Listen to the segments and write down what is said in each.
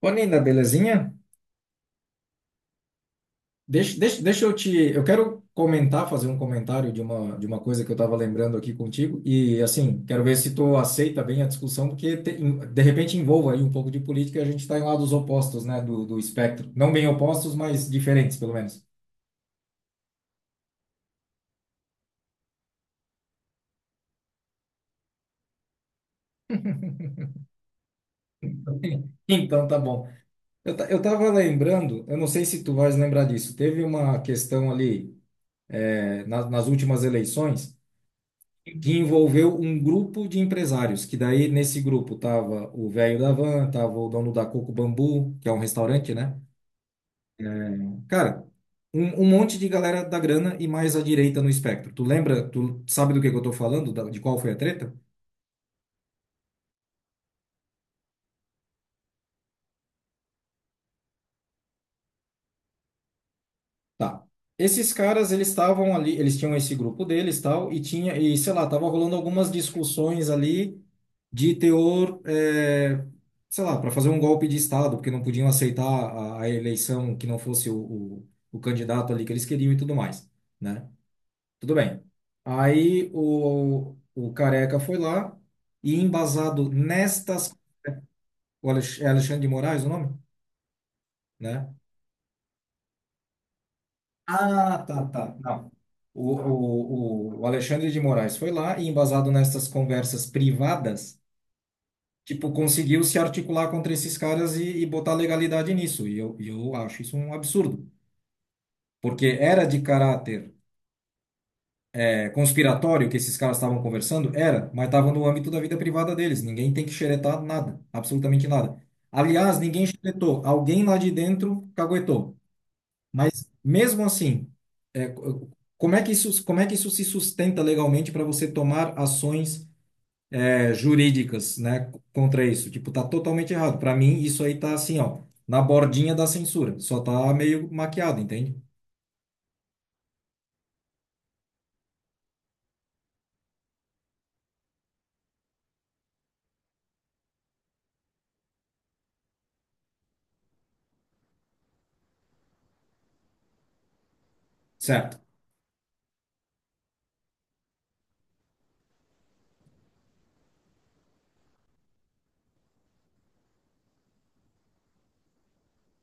Ô, Nina, belezinha? Deixa eu te. Eu quero comentar, fazer um comentário de uma coisa que eu estava lembrando aqui contigo. E, assim, quero ver se tu aceita bem a discussão, porque de repente envolva aí um pouco de política. E a gente está em lados opostos, né, do espectro. Não bem opostos, mas diferentes, pelo menos. Então, tá bom. Eu estava lembrando, eu não sei se tu vais lembrar disso. Teve uma questão ali, nas últimas eleições que envolveu um grupo de empresários, que daí nesse grupo tava o velho da van, tava o dono da Coco Bambu, que é um restaurante, né? É, cara, um monte de galera da grana e mais à direita no espectro. Tu lembra, tu sabe do que eu tô falando, de qual foi a treta? Tá. Esses caras, eles estavam ali, eles tinham esse grupo deles, tal, e tinha, e sei lá, tava rolando algumas discussões ali de teor, sei lá, para fazer um golpe de Estado, porque não podiam aceitar a eleição que não fosse o candidato ali que eles queriam e tudo mais, né? Tudo bem. Aí o Careca foi lá e embasado nestas, é Alexandre de Moraes o nome, né? Ah, tá, tá. Não. O Alexandre de Moraes foi lá e, embasado nessas conversas privadas, tipo, conseguiu se articular contra esses caras e botar legalidade nisso. E eu acho isso um absurdo. Porque era de caráter conspiratório que esses caras estavam conversando? Era, mas estava no âmbito da vida privada deles. Ninguém tem que xeretar nada, absolutamente nada. Aliás, ninguém xeretou. Alguém lá de dentro caguetou. Mas mesmo assim, é, co- como é que isso, se sustenta legalmente para você tomar ações jurídicas, né, contra isso? Tipo, tá totalmente errado. Para mim, isso aí tá assim, ó, na bordinha da censura. Só tá meio maquiado, entende? Certo.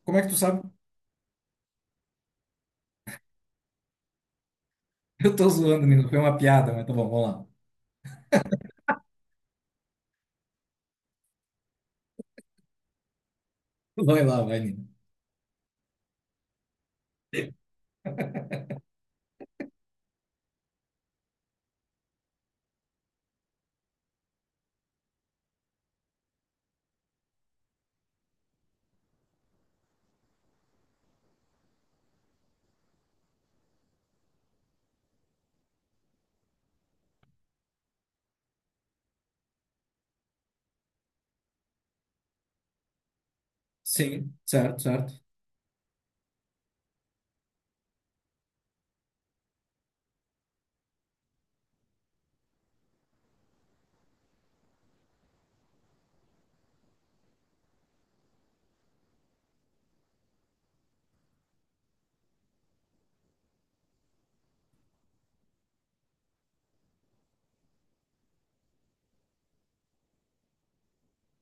Como é que tu sabe? Eu tô zoando, Nino. Foi uma piada, mas tá bom, vamos lá. Vai lá, vai, Nino. Sim, certo, certo.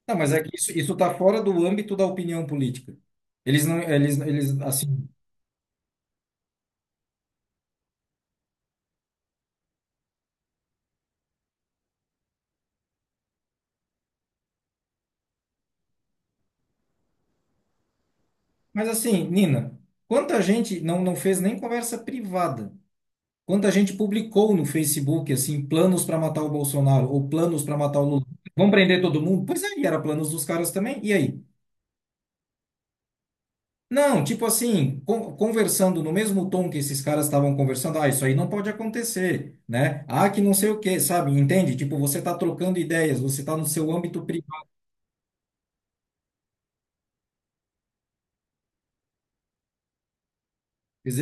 Não, mas é que isso, tá fora do âmbito da opinião política. Eles não, eles, assim. Mas assim, Nina, quanta gente não fez nem conversa privada? Quanta gente publicou no Facebook, assim, planos para matar o Bolsonaro ou planos para matar o Lula? Vão prender todo mundo? Pois aí, era planos dos caras também. E aí? Não, tipo assim, conversando no mesmo tom que esses caras estavam conversando, ah, isso aí não pode acontecer, né? Ah, que não sei o quê, sabe? Entende? Tipo, você está trocando ideias, você está no seu âmbito privado. Exe-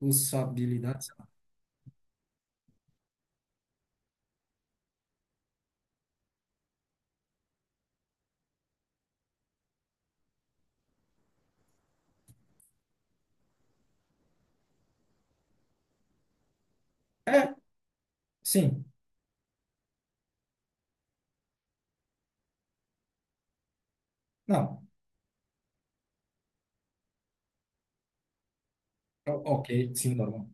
Executabilidade. É, sim. Não. Ok, sim, normal.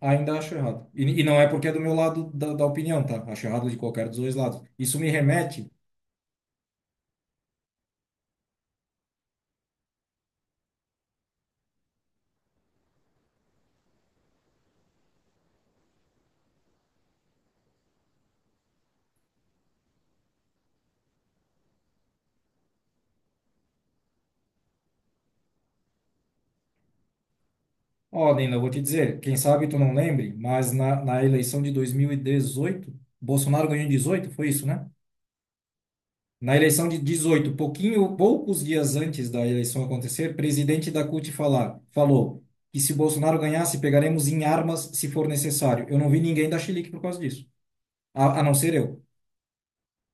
Ainda acho errado. E não é porque é do meu lado da opinião, tá? Acho errado de qualquer dos dois lados. Isso me remete, ó, Nina, eu vou te dizer, quem sabe tu não lembre, mas na eleição de 2018, Bolsonaro ganhou em 18, foi isso, né? Na eleição de 18, pouquinho, poucos dias antes da eleição acontecer, presidente da CUT falou que se Bolsonaro ganhasse, pegaremos em armas se for necessário. Eu não vi ninguém dar chilique por causa disso, a não ser eu.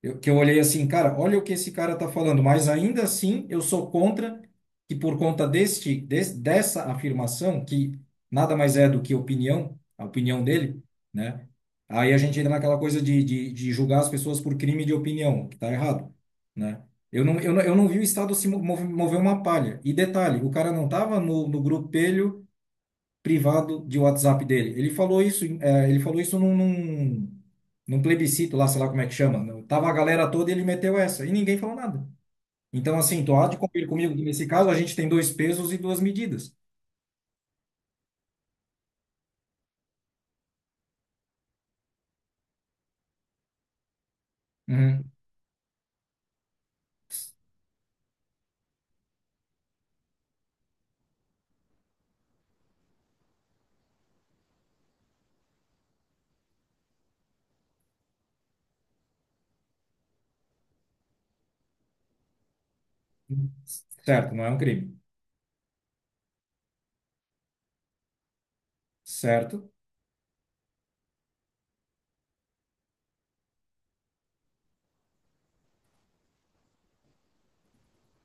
Eu, que eu olhei assim, cara, olha o que esse cara tá falando, mas ainda assim eu sou contra que por conta dessa afirmação, que nada mais é do que opinião, a opinião dele, né? Aí a gente entra naquela coisa de julgar as pessoas por crime de opinião, que tá errado, né? Eu não vi o Estado se mover uma palha. E detalhe, o cara não tava no grupelho privado de WhatsApp dele. Ele falou isso num plebiscito lá, sei lá como é que chama. Né? Tava a galera toda e ele meteu essa e ninguém falou nada. Então, assim, tu há de convir comigo que nesse caso a gente tem dois pesos e duas medidas. Uhum. Certo, não é um crime. Certo?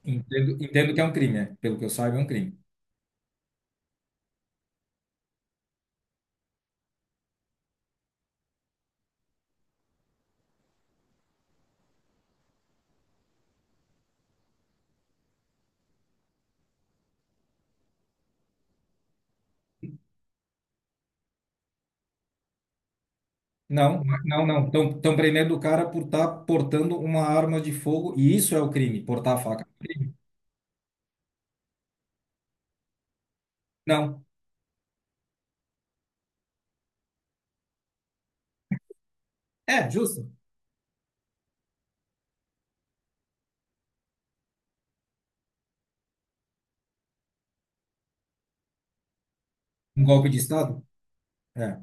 Entendo que é um crime, é. Pelo que eu saiba, é um crime. Não, não, não. Estão prendendo o cara por estar portando uma arma de fogo e isso é o crime, portar a faca. Não. É, justo. Um golpe de Estado? É.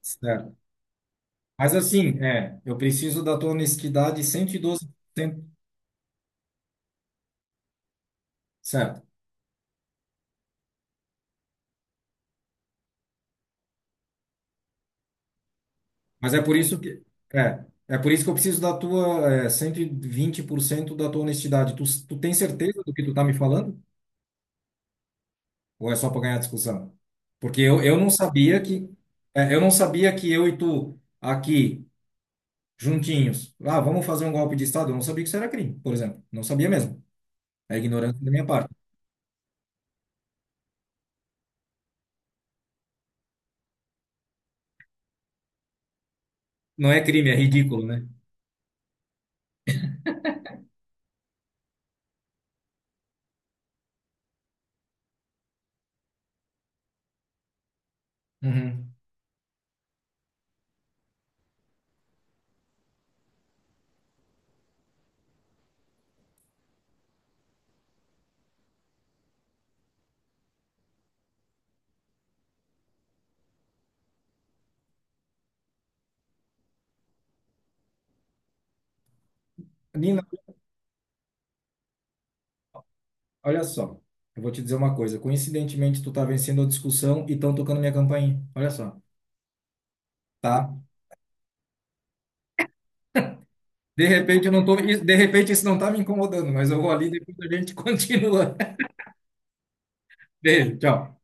Certo. Mas assim, eu preciso da tua honestidade 112%, certo? Mas é por isso que eu preciso da tua 120% da tua honestidade. Tu tem certeza do que tu tá me falando? Ou é só para ganhar discussão? Porque eu não sabia que eu e tu aqui juntinhos, ah, vamos fazer um golpe de Estado, eu não sabia que isso era crime, por exemplo. Não sabia mesmo. É ignorância da minha parte. Não é crime, é ridículo, né? Uhum. Nina, olha só, eu vou te dizer uma coisa. Coincidentemente, tu tá vencendo a discussão e estão tocando minha campainha. Olha só, tá? De repente eu não tô, de repente isso não tá me incomodando, mas eu vou ali e depois a gente continua. Beijo, tchau.